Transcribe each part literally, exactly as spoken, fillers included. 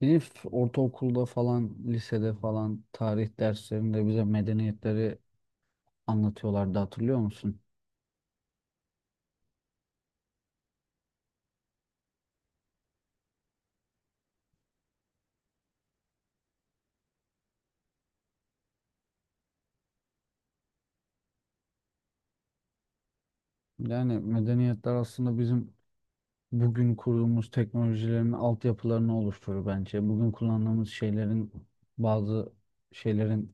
Benim f- ortaokulda falan, lisede falan tarih derslerinde bize medeniyetleri anlatıyorlardı, hatırlıyor musun? Yani medeniyetler aslında bizim bugün kurduğumuz teknolojilerin altyapılarını oluşturur bence. Bugün kullandığımız şeylerin bazı şeylerin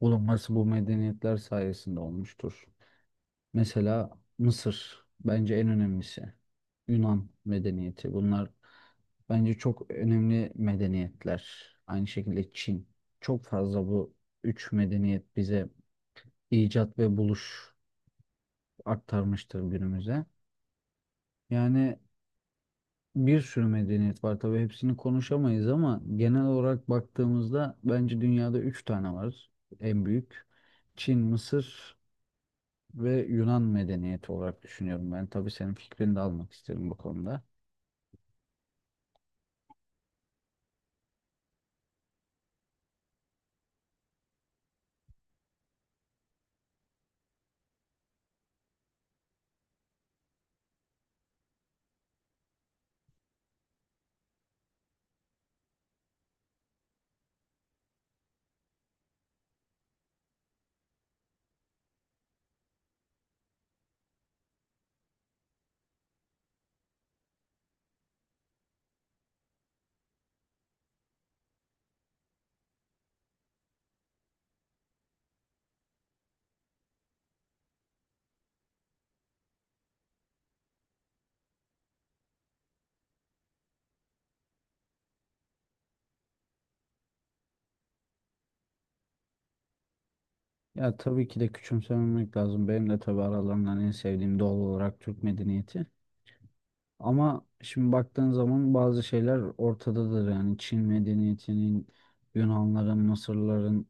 bulunması bu medeniyetler sayesinde olmuştur. Mesela Mısır bence en önemlisi. Yunan medeniyeti. Bunlar bence çok önemli medeniyetler. Aynı şekilde Çin. Çok fazla bu üç medeniyet bize icat ve buluş aktarmıştır günümüze. Yani bir sürü medeniyet var. Tabii hepsini konuşamayız ama genel olarak baktığımızda bence dünyada üç tane var en büyük. Çin, Mısır ve Yunan medeniyeti olarak düşünüyorum ben. Tabii senin fikrini de almak isterim bu konuda. Ya tabii ki de küçümsememek lazım. Benim de tabii aralarından en sevdiğim doğal olarak Türk medeniyeti. Ama şimdi baktığın zaman bazı şeyler ortadadır. Yani Çin medeniyetinin, Yunanların, Mısırların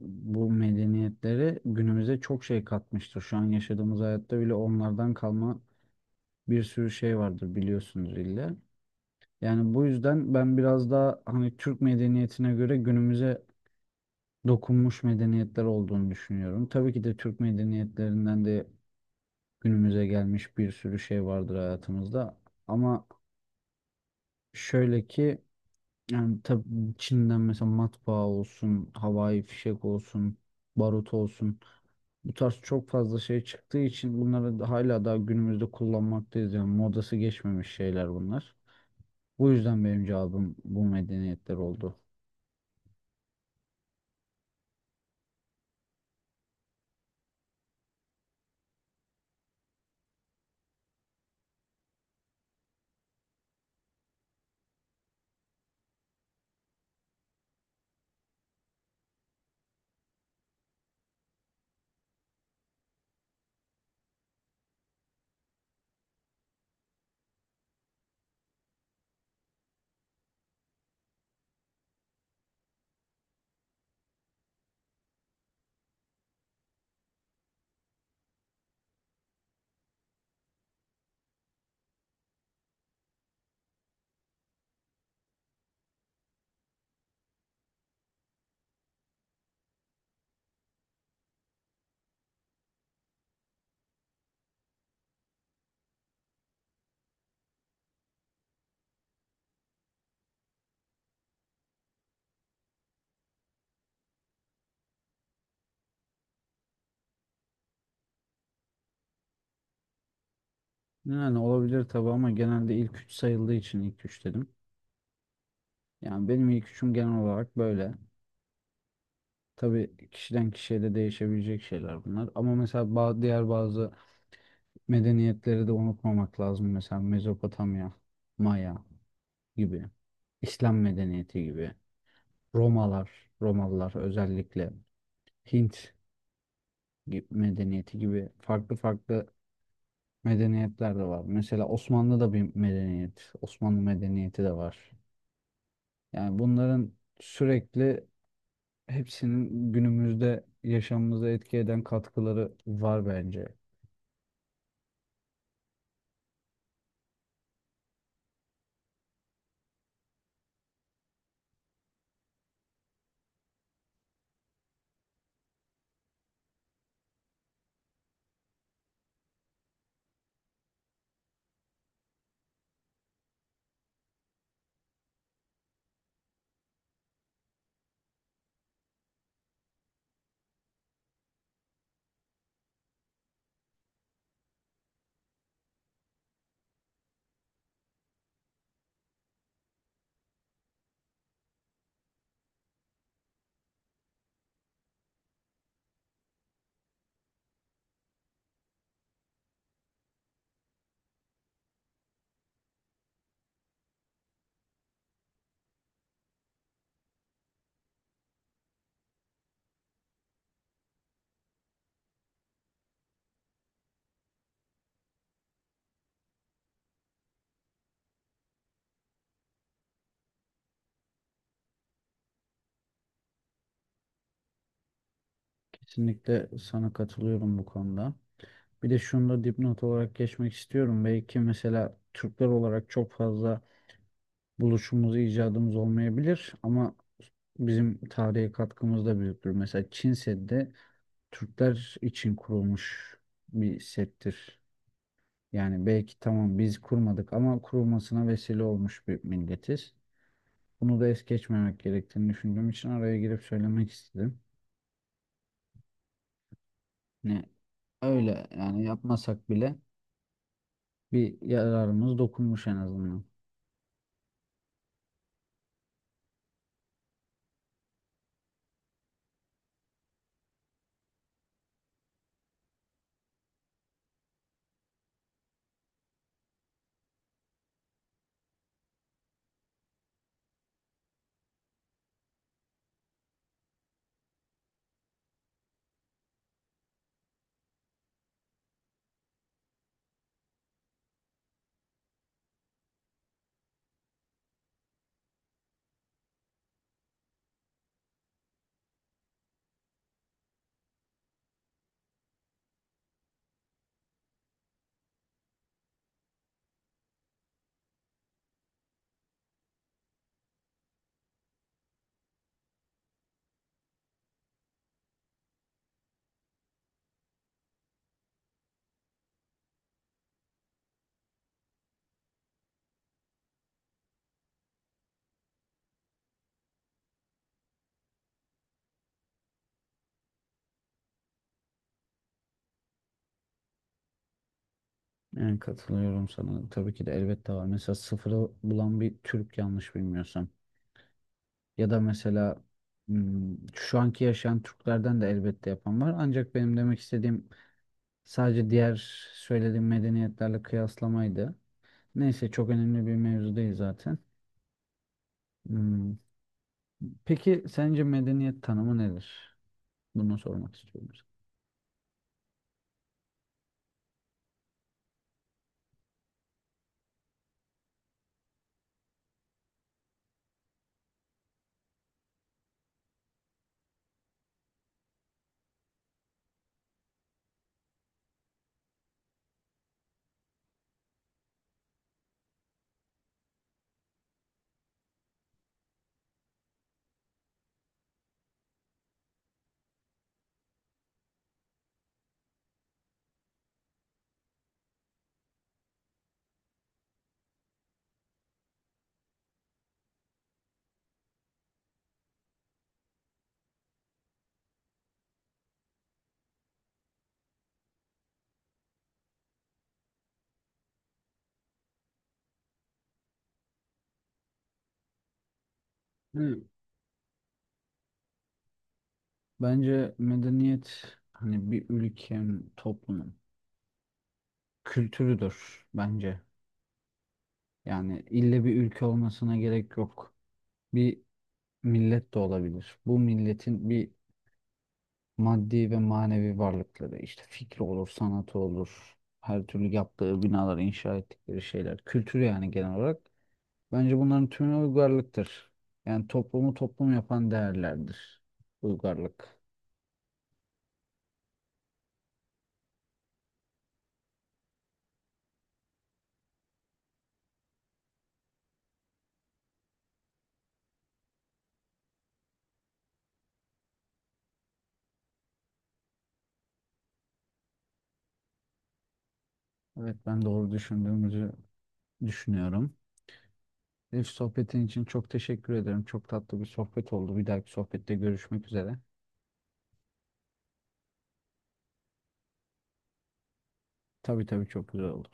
bu medeniyetleri günümüze çok şey katmıştır. Şu an yaşadığımız hayatta bile onlardan kalma bir sürü şey vardır biliyorsunuz illa. Yani bu yüzden ben biraz daha hani Türk medeniyetine göre günümüze dokunmuş medeniyetler olduğunu düşünüyorum. Tabii ki de Türk medeniyetlerinden de günümüze gelmiş bir sürü şey vardır hayatımızda. Ama şöyle ki yani tabii Çin'den mesela matbaa olsun, havai fişek olsun, barut olsun. Bu tarz çok fazla şey çıktığı için bunları da- hala daha günümüzde kullanmaktayız. Yani modası geçmemiş şeyler bunlar. Bu yüzden benim cevabım bu medeniyetler oldu. Yani olabilir tabii ama genelde ilk üç sayıldığı için ilk üç dedim. Yani benim ilk üçüm genel olarak böyle. Tabii kişiden kişiye de değişebilecek şeyler bunlar. Ama mesela ba- diğer bazı medeniyetleri de unutmamak lazım. Mesela Mezopotamya, Maya gibi, İslam medeniyeti gibi, Romalar, Romalılar özellikle, Hint gi- medeniyeti gibi farklı farklı medeniyetler de var. Mesela Osmanlı da bir medeniyet, Osmanlı medeniyeti de var. Yani bunların sürekli hepsinin günümüzde yaşamımıza etki eden katkıları var bence. Kesinlikle sana katılıyorum bu konuda. Bir de şunu da dipnot olarak geçmek istiyorum. Belki mesela Türkler olarak çok fazla buluşumuz, icadımız olmayabilir ama bizim tarihe katkımız da büyüktür. Mesela Çin Seddi de Türkler için kurulmuş bir settir. Yani belki tamam biz kurmadık ama kurulmasına vesile olmuş bir milletiz. Bunu da es geçmemek gerektiğini düşündüğüm için araya girip söylemek istedim. Ne Öyle yani, yapmasak bile bir yararımız dokunmuş en azından. Yani katılıyorum sana. Tabii ki de elbette var. Mesela sıfırı bulan bir Türk yanlış bilmiyorsam. Ya da mesela hmm, şu anki yaşayan Türklerden de elbette yapan var. Ancak benim demek istediğim sadece diğer söylediğim medeniyetlerle kıyaslamaydı. Neyse çok önemli bir mevzu değil zaten. Hmm, Peki sence medeniyet tanımı nedir? Bunu sormak istiyorum sana. Hı. Bence medeniyet hani bir ülkenin, toplumun kültürüdür bence. Yani ille bir ülke olmasına gerek yok. Bir millet de olabilir. Bu milletin bir maddi ve manevi varlıkları, işte fikri olur, sanatı olur, her türlü yaptığı binaları, inşa ettikleri şeyler, kültürü yani genel olarak. Bence bunların tümü uygarlıktır. Yani toplumu toplum yapan değerlerdir. Uygarlık. Evet, ben doğru düşündüğümüzü düşünüyorum. Elif, sohbetin için çok teşekkür ederim. Çok tatlı bir sohbet oldu. Bir dahaki sohbette görüşmek üzere. Tabii tabii, çok güzel olur.